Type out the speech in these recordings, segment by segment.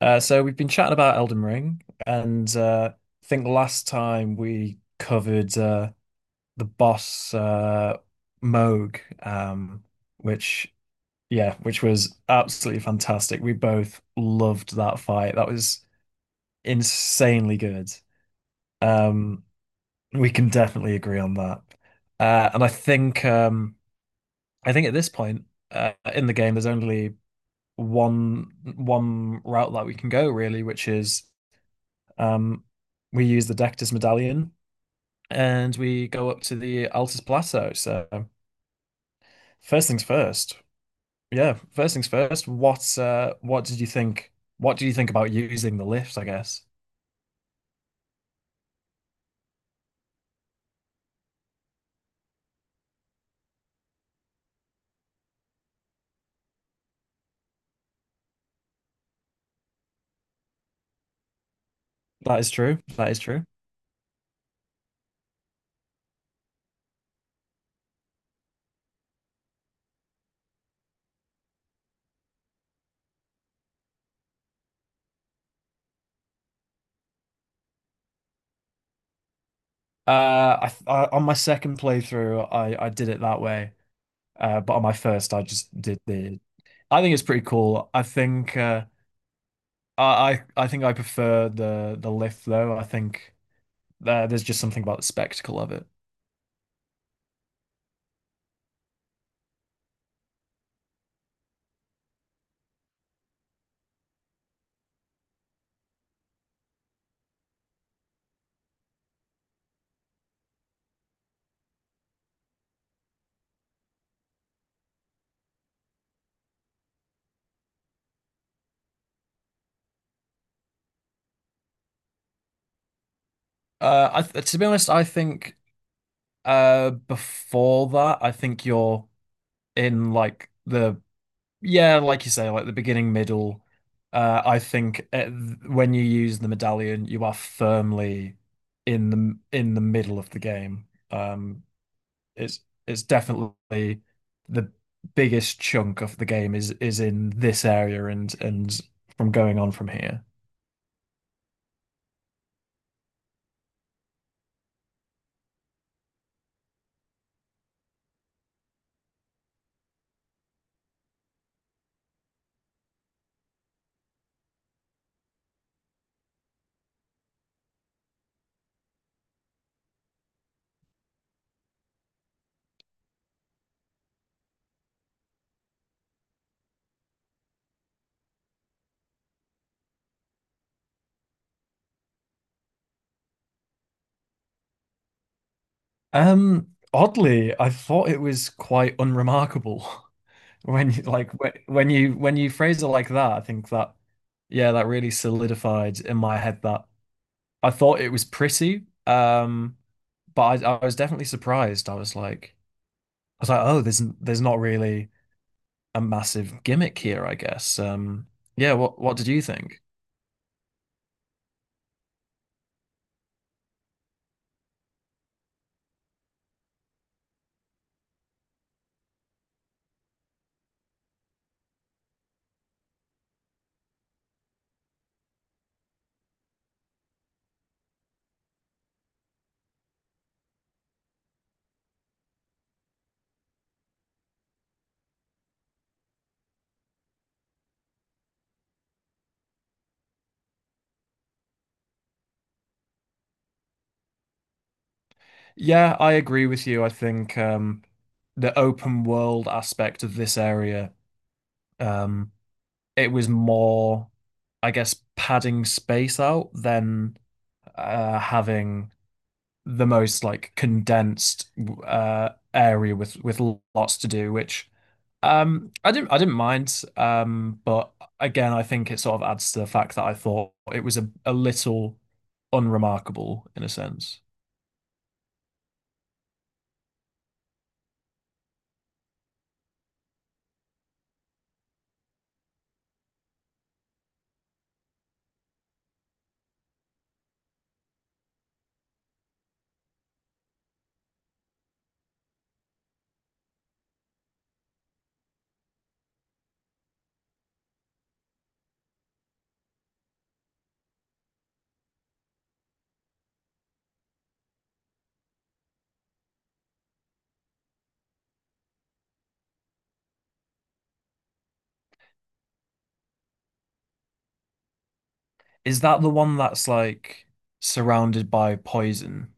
So we've been chatting about Elden Ring, and I think last time we covered the boss Moog, um, which yeah, which was absolutely fantastic. We both loved that fight. That was insanely good. Um, we can definitely agree on that. And I think at this point in the game, there's only one route that we can go really, which is Um, we use the Dectus medallion and we go up to the Altus Plateau. So first things first. Yeah, first things first. What did you think? What do you think about using the lift? I guess that is true. That is true. I on my second playthrough, I did it that way. But on my first, I just did the. I think it's pretty cool. I think I think I prefer the lift though. I think there's just something about the spectacle of it. I th to be honest, I think before that, I think you're in like the yeah, like you say, like the beginning, middle. I think at, th- when you use the medallion, you are firmly in the middle of the game. It's it's definitely the biggest chunk of the game is in this area and from going on from here. Oddly, I thought it was quite unremarkable when you like when you phrase it like that. I think that yeah, that really solidified in my head that I thought it was pretty. But I was definitely surprised. I was like, oh, there's not really a massive gimmick here, I guess. Yeah, what did you think? Yeah, I agree with you. I think the open world aspect of this area, um, it was more, I guess, padding space out than having the most like condensed area with lots to do, which I didn't mind. But again, I think it sort of adds to the fact that I thought it was a little unremarkable in a sense. Is that the one that's like surrounded by poison?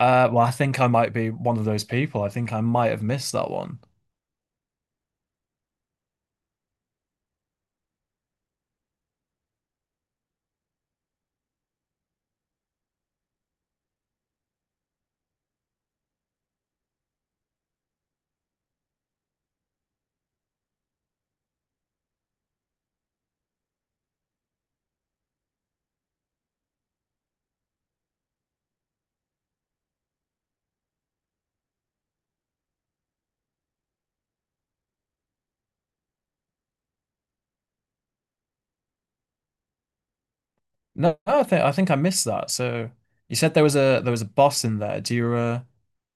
Well, I think I might be one of those people. I think I might have missed that one. No, no, I think I missed that. So you said there was a boss in there.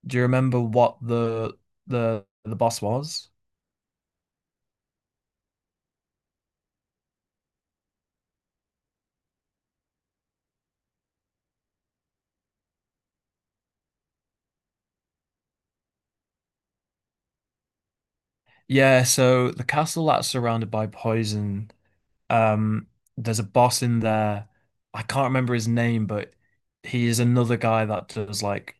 Do you remember what the boss was? Yeah, so the castle that's surrounded by poison Um, there's a boss in there. I can't remember his name, but he is another guy that does like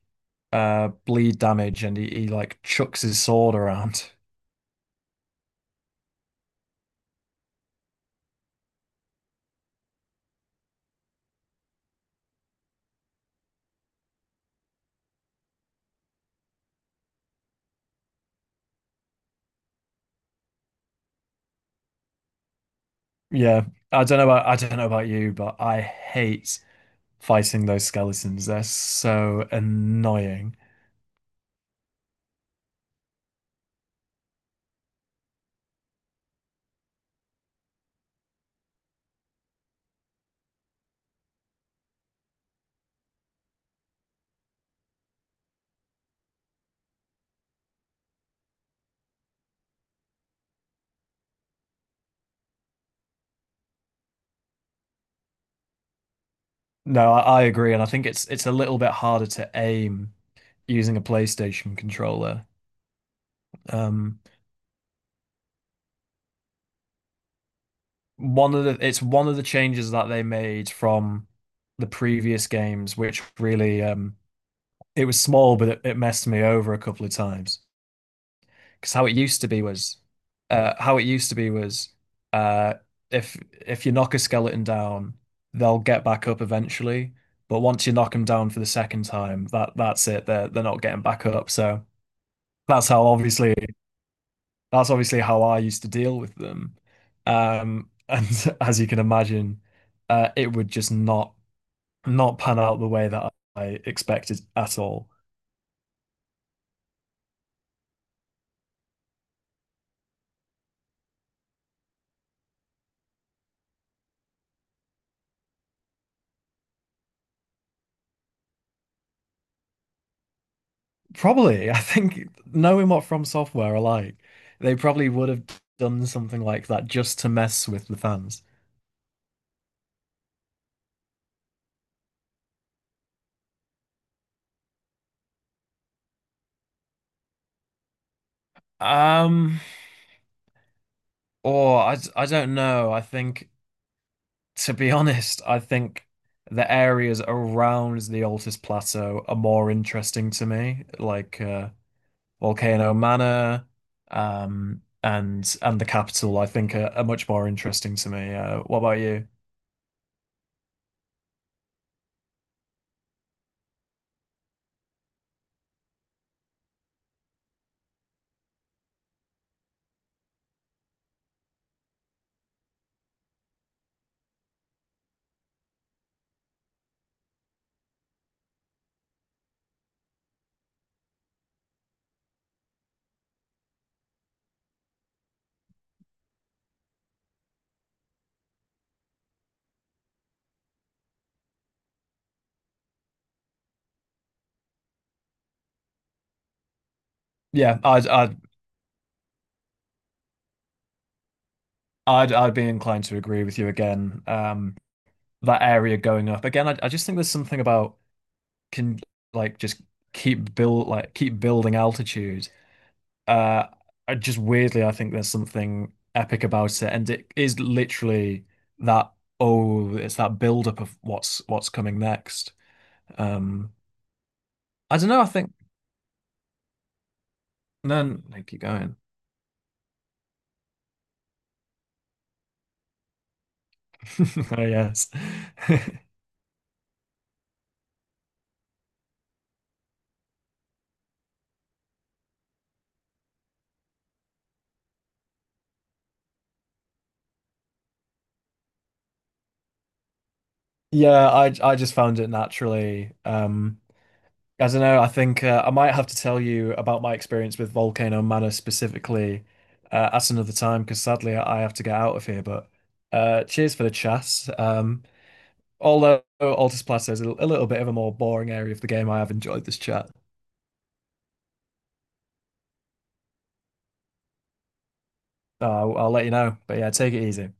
bleed damage and he like chucks his sword around. Yeah. I don't know about you, but I hate fighting those skeletons. They're so annoying. No, I agree, and I think it's a little bit harder to aim using a PlayStation controller. Um, one of the it's one of the changes that they made from the previous games, which really it was small, but it messed me over a couple of times. Because how it used to be was How it used to be was uh if you knock a skeleton down, they'll get back up eventually. But once you knock them down for the second time, that's it. They're not getting back up. So that's how obviously that's obviously how I used to deal with them. And as you can imagine, it would just not pan out the way that I expected at all. Probably, I think knowing what From Software are like, they probably would have done something like that just to mess with the fans. Um, I don't know. I think, to be honest, I think the areas around the Altus Plateau are more interesting to me. Like, Volcano Manor, and the capital, I think are much more interesting to me. What about you? Yeah, I'd be inclined to agree with you again. That area going up again, I just think there's something about can like just keep build like keep building altitude. Uh, I just weirdly, I think there's something epic about it, and it is literally that. Oh, it's that build up of what's coming next. Um, I don't know. I think. No, no, keep going. Oh yes. Yeah, I just found it naturally. I don't know. I think I might have to tell you about my experience with Volcano Manor specifically at another time because sadly I have to get out of here. But cheers for the chat. Um, although Altus Plateau is a little bit of a more boring area of the game, I have enjoyed this chat. I'll let you know. But yeah, take it easy.